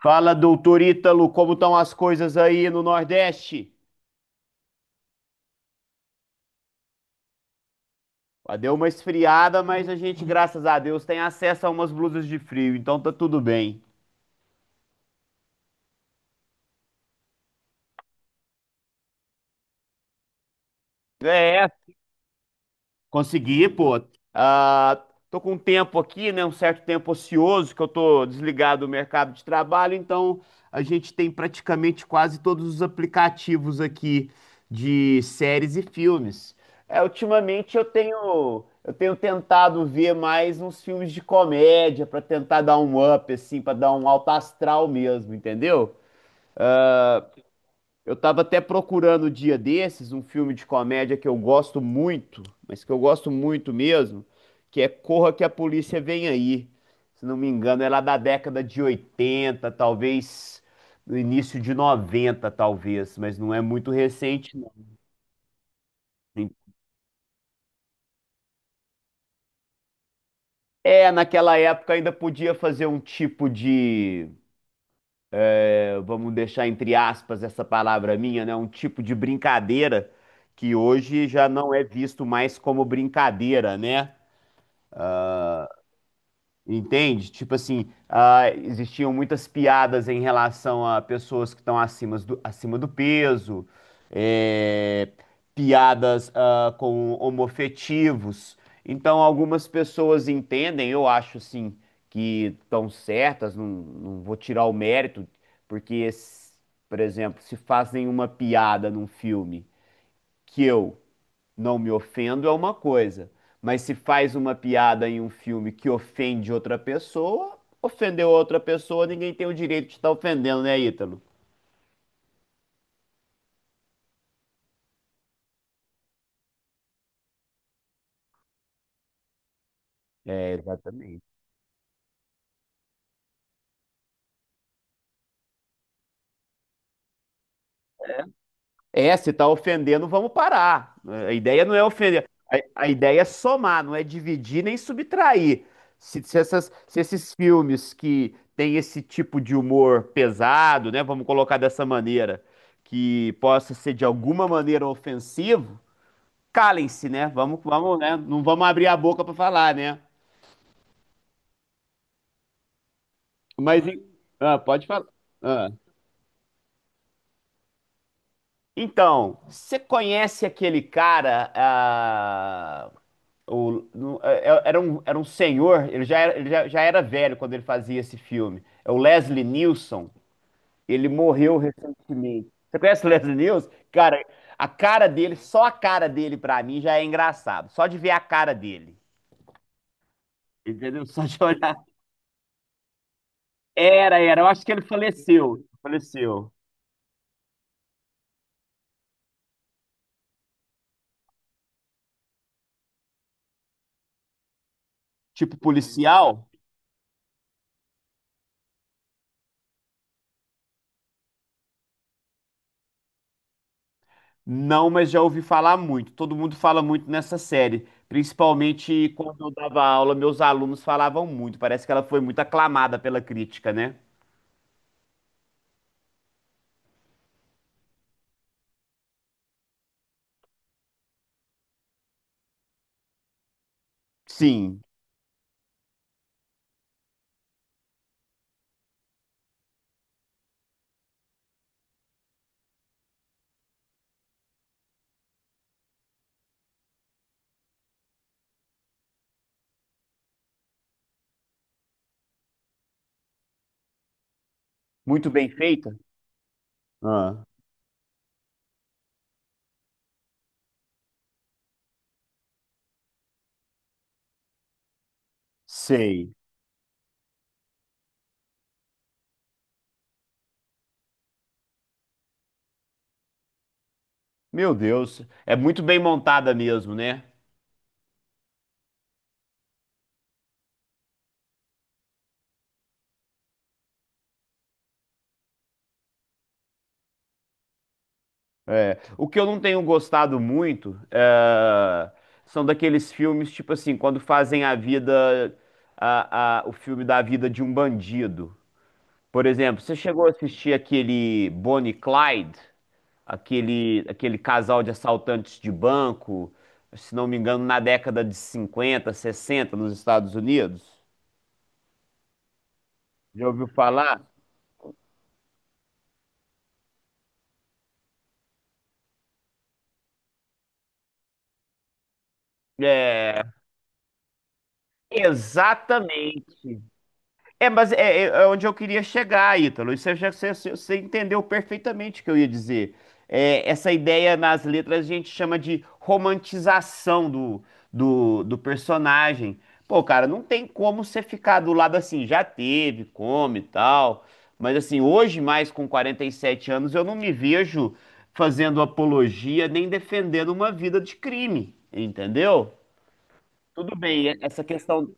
Fala, doutor Ítalo, como estão as coisas aí no Nordeste? Deu uma esfriada, mas a gente, graças a Deus, tem acesso a umas blusas de frio, então tá tudo bem. É. Consegui, pô. Ah, Tô com um tempo aqui, né? Um certo tempo ocioso que eu tô desligado do mercado de trabalho, então a gente tem praticamente quase todos os aplicativos aqui de séries e filmes. É, ultimamente eu tenho tentado ver mais uns filmes de comédia pra tentar dar um up, assim, pra dar um alto astral mesmo, entendeu? Eu tava até procurando o dia desses um filme de comédia que eu gosto muito, mas que eu gosto muito mesmo, que é Corra que a Polícia Vem Aí. Se não me engano, é lá da década de 80, talvez no início de 90, talvez, mas não é muito recente, não. É, naquela época ainda podia fazer um tipo de, vamos deixar entre aspas essa palavra minha, né? Um tipo de brincadeira que hoje já não é visto mais como brincadeira, né? Entende? Tipo assim, existiam muitas piadas em relação a pessoas que estão acima do peso, é, piadas com homoafetivos. Então, algumas pessoas entendem, eu acho assim, que estão certas, não vou tirar o mérito, porque, por exemplo, se fazem uma piada num filme que eu não me ofendo é uma coisa, mas se faz uma piada em um filme que ofende outra pessoa, ofendeu outra pessoa, ninguém tem o direito de estar ofendendo, né, Ítalo? É, exatamente. É, se tá ofendendo, vamos parar. A ideia não é ofender. A ideia é somar, não é dividir nem subtrair. Se esses filmes que têm esse tipo de humor pesado, né, vamos colocar dessa maneira, que possa ser de alguma maneira ofensivo, calem-se, né? Vamos, vamos, né? Não vamos abrir a boca para falar, né? Mas em- pode falar. Ah. Então, você conhece aquele cara? Era um senhor. Ele já era, já era velho quando ele fazia esse filme. É o Leslie Nielsen. Ele morreu recentemente. Você conhece o Leslie Nielsen? Cara, a cara dele, só a cara dele pra mim já é engraçado. Só de ver a cara dele, entendeu? Só de olhar. Era, era. Eu acho que ele faleceu. Faleceu. Tipo policial? Não, mas já ouvi falar muito. Todo mundo fala muito nessa série. Principalmente quando eu dava aula, meus alunos falavam muito. Parece que ela foi muito aclamada pela crítica, né? Sim. Muito bem feita? Ah, sei. Meu Deus. É muito bem montada mesmo, né? É, o que eu não tenho gostado muito é, são daqueles filmes, tipo assim, quando fazem a vida, o filme da vida de um bandido. Por exemplo, você chegou a assistir aquele Bonnie e Clyde, aquele casal de assaltantes de banco, se não me engano, na década de 50, 60, nos Estados Unidos? Já ouviu falar? É, exatamente. É, mas é, é onde eu queria chegar, Ítalo. Isso é já você, você entendeu perfeitamente o que eu ia dizer. É, essa ideia nas letras a gente chama de romantização do, do personagem. Pô, cara, não tem como você ficar do lado assim, já teve, come e tal. Mas assim, hoje, mais com 47 anos, eu não me vejo fazendo apologia nem defendendo uma vida de crime, entendeu? Tudo bem, essa questão.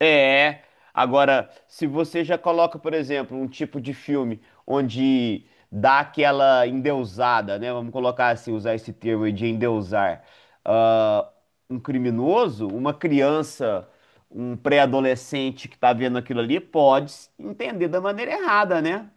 É. Agora, se você já coloca, por exemplo, um tipo de filme onde dá aquela endeusada, né? Vamos colocar assim, usar esse termo aí de endeusar. ah, um criminoso, uma criança, um pré-adolescente que tá vendo aquilo ali, pode entender da maneira errada, né?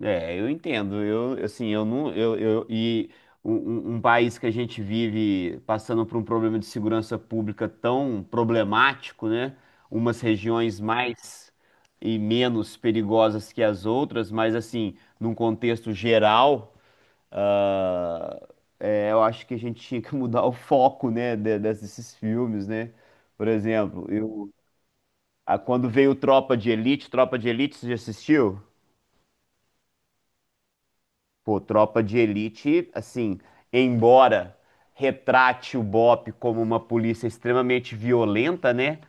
É, eu entendo. Eu, assim, eu não, eu e um país que a gente vive passando por um problema de segurança pública tão problemático, né? Umas regiões mais e menos perigosas que as outras, mas assim, num contexto geral, ah, é, eu acho que a gente tinha que mudar o foco, né, desses filmes, né? Por exemplo, eu, quando veio Tropa de Elite, você já assistiu? Pô, Tropa de Elite, assim, embora retrate o BOPE como uma polícia extremamente violenta, né?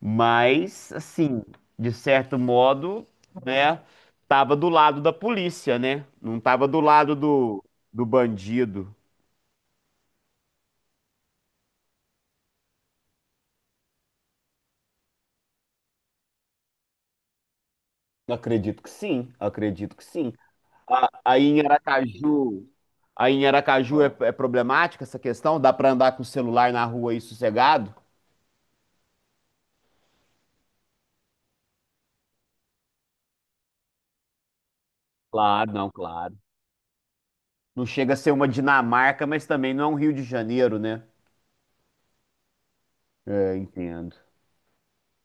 Mas, assim, de certo modo, né? Tava do lado da polícia, né? Não tava do lado do, do bandido. Acredito que sim, acredito que sim. A- Aí em Aracaju, aí em Aracaju é, é problemática essa questão? Dá pra andar com o celular na rua aí sossegado? Claro. Não chega a ser uma Dinamarca, mas também não é um Rio de Janeiro, né? É, entendo.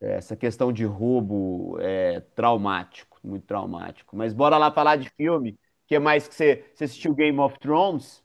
É, essa questão de roubo é traumático, muito traumático. Mas bora lá falar de filme. O que é mais que você, você assistiu Game of Thrones?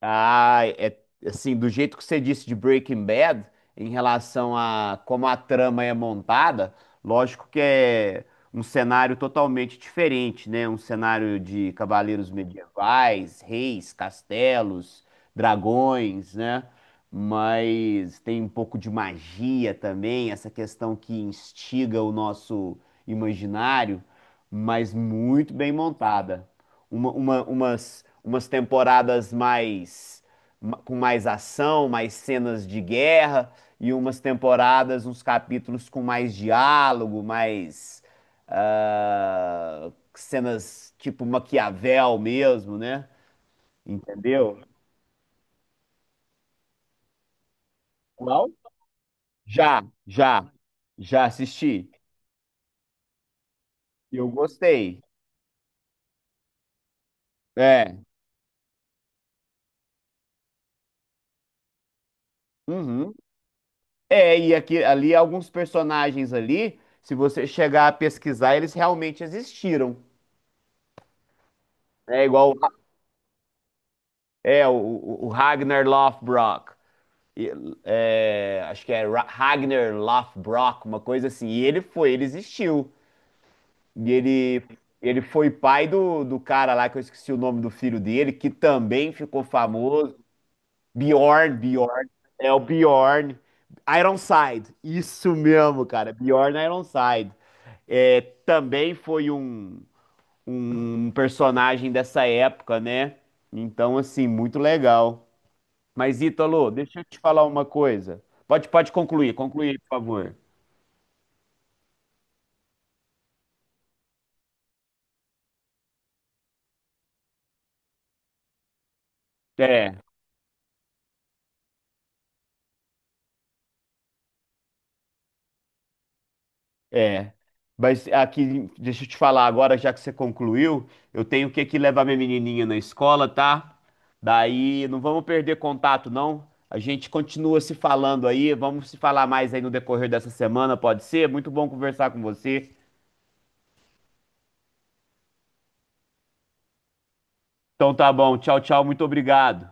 Ah, é assim, do jeito que você disse de Breaking Bad, em relação a como a trama é montada, lógico que é um cenário totalmente diferente, né? Um cenário de cavaleiros medievais, reis, castelos, dragões, né? Mas tem um pouco de magia também, essa questão que instiga o nosso imaginário, mas muito bem montada umas temporadas mais com mais ação, mais cenas de guerra e umas temporadas, uns capítulos com mais diálogo, mais cenas tipo Maquiavel mesmo, né? Entendeu? Qual? Já, já, já assisti. Eu gostei. É. Uhum. É, e aqui, ali alguns personagens ali, se você chegar a pesquisar, eles realmente existiram. É igual é o o Ragnar Lothbrok. E, é, acho que é Ragnar Lothbrok, uma coisa assim. E ele foi, ele existiu. E ele foi pai do, do cara lá, que eu esqueci o nome do filho dele, que também ficou famoso. Bjorn. É o Bjorn. Ironside. Isso mesmo, cara. Bjorn Ironside. É, também foi um, um personagem dessa época, né? Então, assim, muito legal. Mas, Ítalo, deixa eu te falar uma coisa. Pode, concluir, por favor. É, é. Mas aqui, deixa eu te falar agora, já que você concluiu, eu tenho que aqui levar minha menininha na escola, tá? Daí, não vamos perder contato, não. A gente continua se falando aí, vamos se falar mais aí no decorrer dessa semana, pode ser? Muito bom conversar com você. Então tá bom, tchau, tchau, muito obrigado.